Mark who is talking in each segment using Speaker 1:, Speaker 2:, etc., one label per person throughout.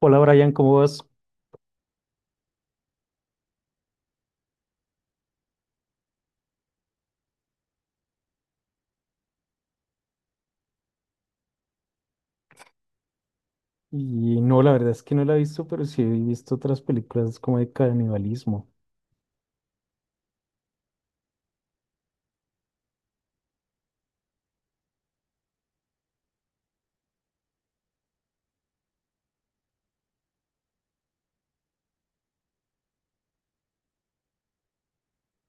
Speaker 1: Hola Brian, ¿cómo vas? Y no, la verdad es que no la he visto, pero sí he visto otras películas como de canibalismo.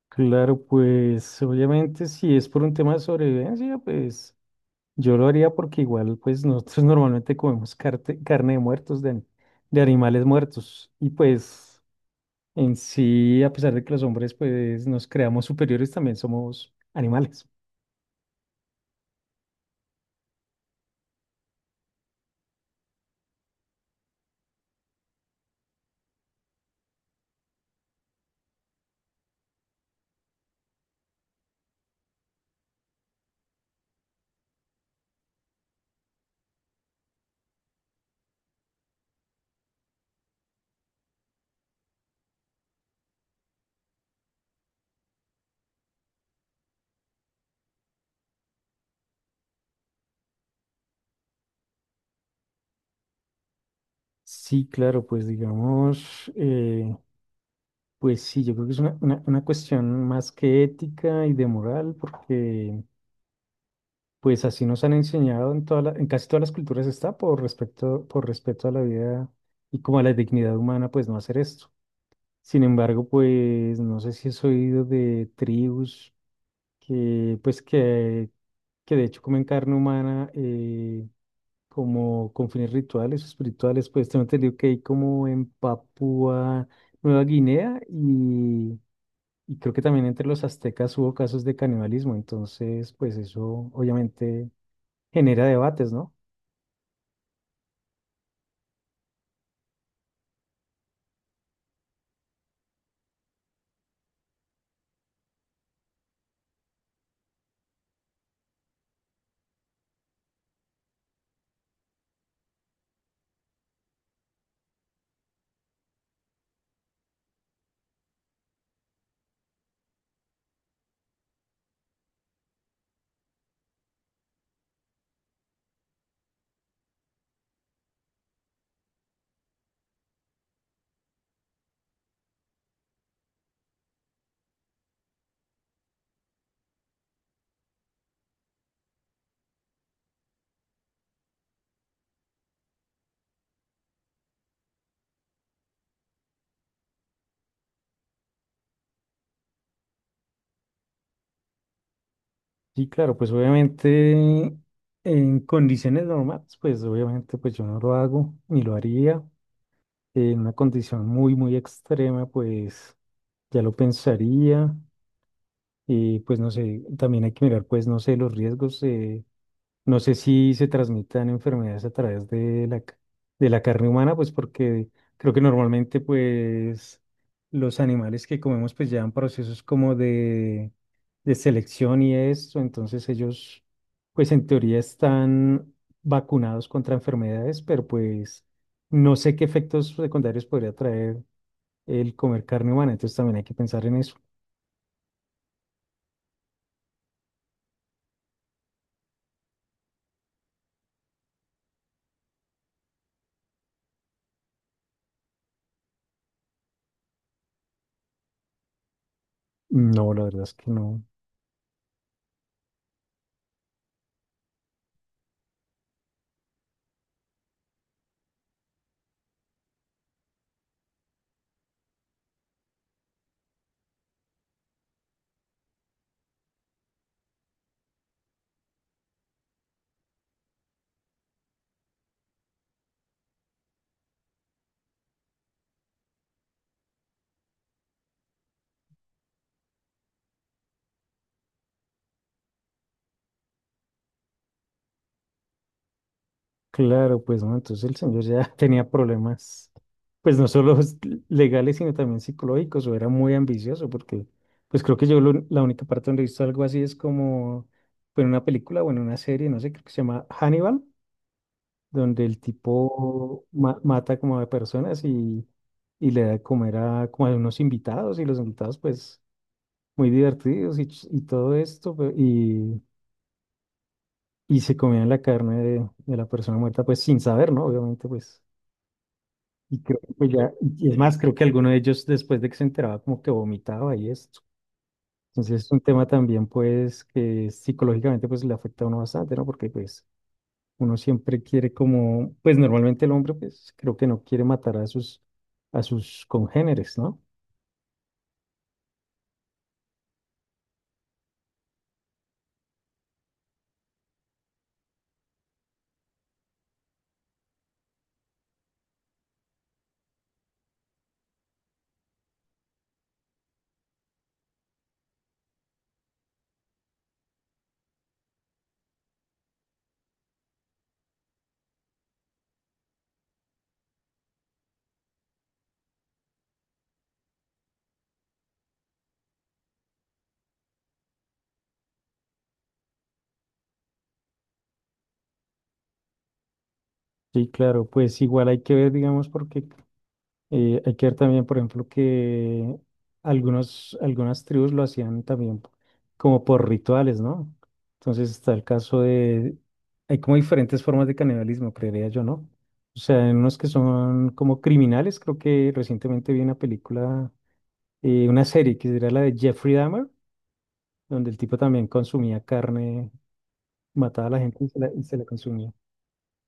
Speaker 1: Claro, pues obviamente si es por un tema de sobrevivencia, pues yo lo haría porque igual pues nosotros normalmente comemos carne de muertos, de, de animales muertos. Y pues en sí, a pesar de que los hombres pues nos creamos superiores, también somos animales. Sí, claro, pues digamos, pues sí, yo creo que es una cuestión más que ética y de moral, porque pues así nos han enseñado en en casi todas las culturas está por respecto, por respeto a la vida y como a la dignidad humana, pues no hacer esto. Sin embargo, pues no sé si has oído de tribus que que de hecho comen carne humana como con fines rituales o espirituales. Pues tengo entendido que hay como en Papúa Nueva Guinea, y creo que también entre los aztecas hubo casos de canibalismo, entonces pues eso obviamente genera debates, ¿no? Sí, claro, pues obviamente en condiciones normales, pues obviamente pues yo no lo hago ni lo haría. En una condición muy, muy extrema, pues ya lo pensaría. Y pues no sé, también hay que mirar pues no sé los riesgos. No sé si se transmitan enfermedades a través de de la carne humana, pues porque creo que normalmente pues los animales que comemos pues llevan procesos como de selección y eso, entonces ellos pues en teoría están vacunados contra enfermedades, pero pues no sé qué efectos secundarios podría traer el comer carne humana, entonces también hay que pensar en eso. No, la verdad es que no. Claro, pues no, entonces el señor ya tenía problemas, pues no solo legales, sino también psicológicos, o era muy ambicioso, porque pues creo que la única parte donde he visto algo así es como fue en una película o en una serie, no sé, creo que se llama Hannibal, donde el tipo mata como a personas, y le da de comer a como a unos invitados, y los invitados pues muy divertidos y, todo esto, y se comían la carne de la persona muerta pues sin saber, ¿no? Obviamente pues. Y creo que pues ya, y es más, creo que alguno de ellos después de que se enteraba como que vomitaba y esto. Entonces es un tema también pues que psicológicamente pues le afecta a uno bastante, ¿no? Porque pues uno siempre quiere como, pues normalmente el hombre pues creo que no quiere matar a sus congéneres, ¿no? Sí, claro, pues igual hay que ver, digamos, porque hay que ver también, por ejemplo, que algunas tribus lo hacían también como por rituales, ¿no? Entonces está el caso de... Hay como diferentes formas de canibalismo, creería yo, ¿no? O sea, hay unos que son como criminales. Creo que recientemente vi una película, una serie que era la de Jeffrey Dahmer, donde el tipo también consumía carne, mataba a la gente y se la consumía.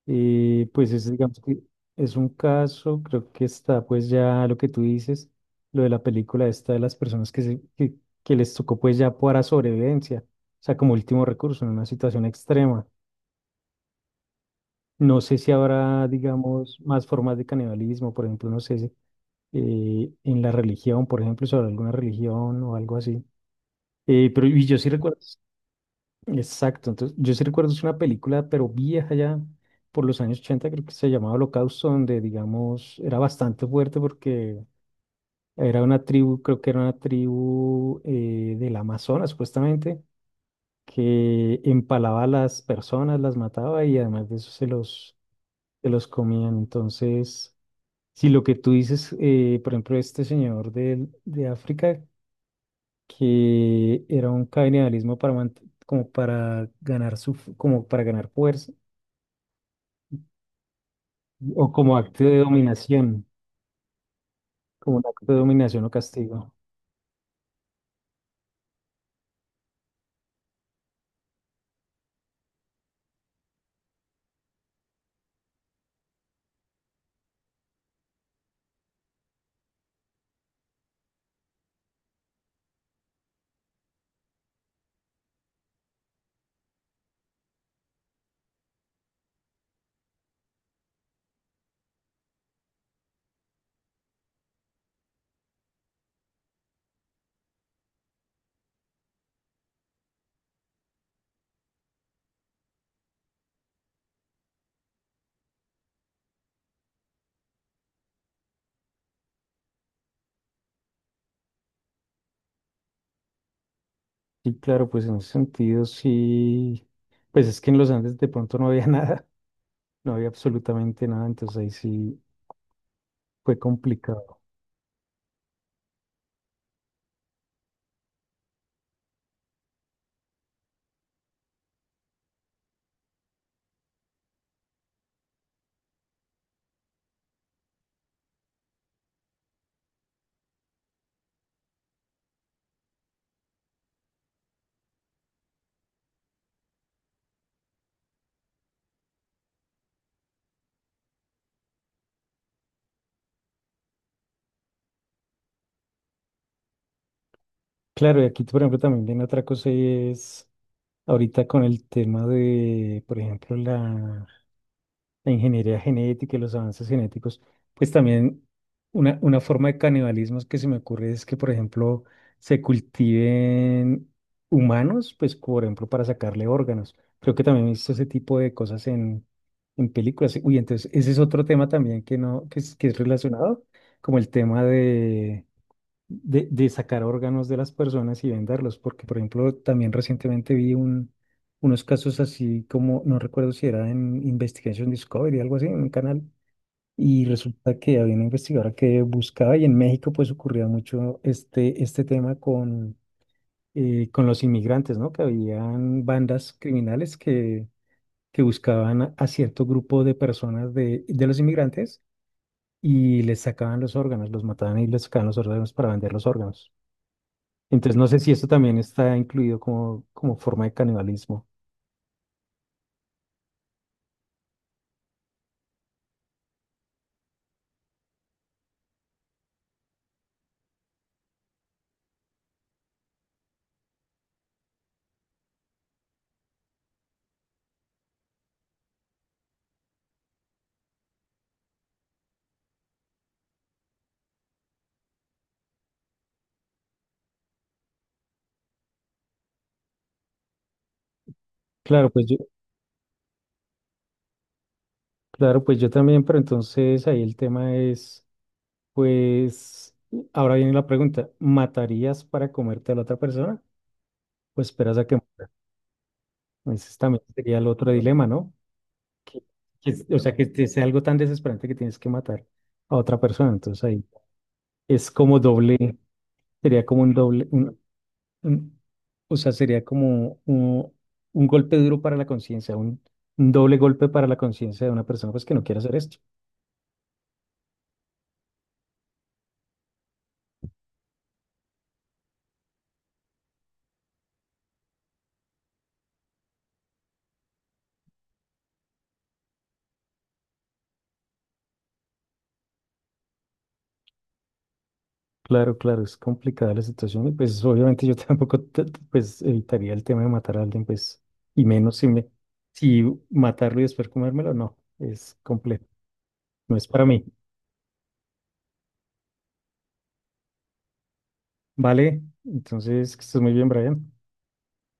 Speaker 1: Pues es, digamos que es un caso. Creo que está pues ya lo que tú dices, lo de la película esta de las personas que les tocó pues ya para sobrevivencia, o sea, como último recurso en una situación extrema. No sé si habrá, digamos, más formas de canibalismo, por ejemplo, no sé si en la religión, por ejemplo, sobre alguna religión o algo así. Pero y yo sí recuerdo exacto, entonces yo sí recuerdo es una película, pero vieja ya, por los años 80, creo que se llamaba Holocausto, donde digamos era bastante fuerte porque era una tribu, creo que era una tribu del Amazonas supuestamente, que empalaba a las personas, las mataba y además de eso se los comían. Entonces, si lo que tú dices, por ejemplo, este señor de África, que era un canibalismo como para ganar como para ganar fuerza. O como acto de dominación, como un acto de dominación o castigo. Sí, claro, pues en ese sentido sí. Pues es que en los Andes de pronto no había nada, no había absolutamente nada, entonces ahí sí fue complicado. Claro, y aquí, por ejemplo, también viene otra cosa, y es ahorita con el tema de, por ejemplo, la ingeniería genética y los avances genéticos. Pues también una forma de canibalismo que se me ocurre es que, por ejemplo, se cultiven humanos, pues, por ejemplo, para sacarle órganos. Creo que también he visto ese tipo de cosas en películas. Uy, entonces, ese es otro tema también que no, que es relacionado, como el tema de sacar órganos de las personas y venderlos, porque por ejemplo también recientemente vi un, unos casos así como, no recuerdo si era en Investigation Discovery, algo así, en un canal, y resulta que había una investigadora que buscaba, y en México pues ocurría mucho este, este tema con los inmigrantes, ¿no? Que habían bandas criminales que buscaban a cierto grupo de personas de los inmigrantes. Y les sacaban los órganos, los mataban y les sacaban los órganos para vender los órganos. Entonces no sé si esto también está incluido como, como forma de canibalismo. Claro, pues yo, claro, pues yo también, pero entonces ahí el tema es, pues, ahora viene la pregunta, ¿matarías para comerte a la otra persona? Pues esperas a que muera. Ese también sería el otro dilema, ¿no? Que- o sea, que te sea algo tan desesperante que tienes que matar a otra persona. Entonces ahí es como doble, sería como un doble, Un- o sea, sería como un golpe duro para la conciencia, un doble golpe para la conciencia de una persona pues, que no quiere hacer esto. Claro, claro, es complicada la situación y pues obviamente yo tampoco pues evitaría el tema de matar a alguien, pues, y menos si me, si matarlo y después comérmelo, no, es complejo, no es para mí. Vale, entonces que estés muy bien, Brian.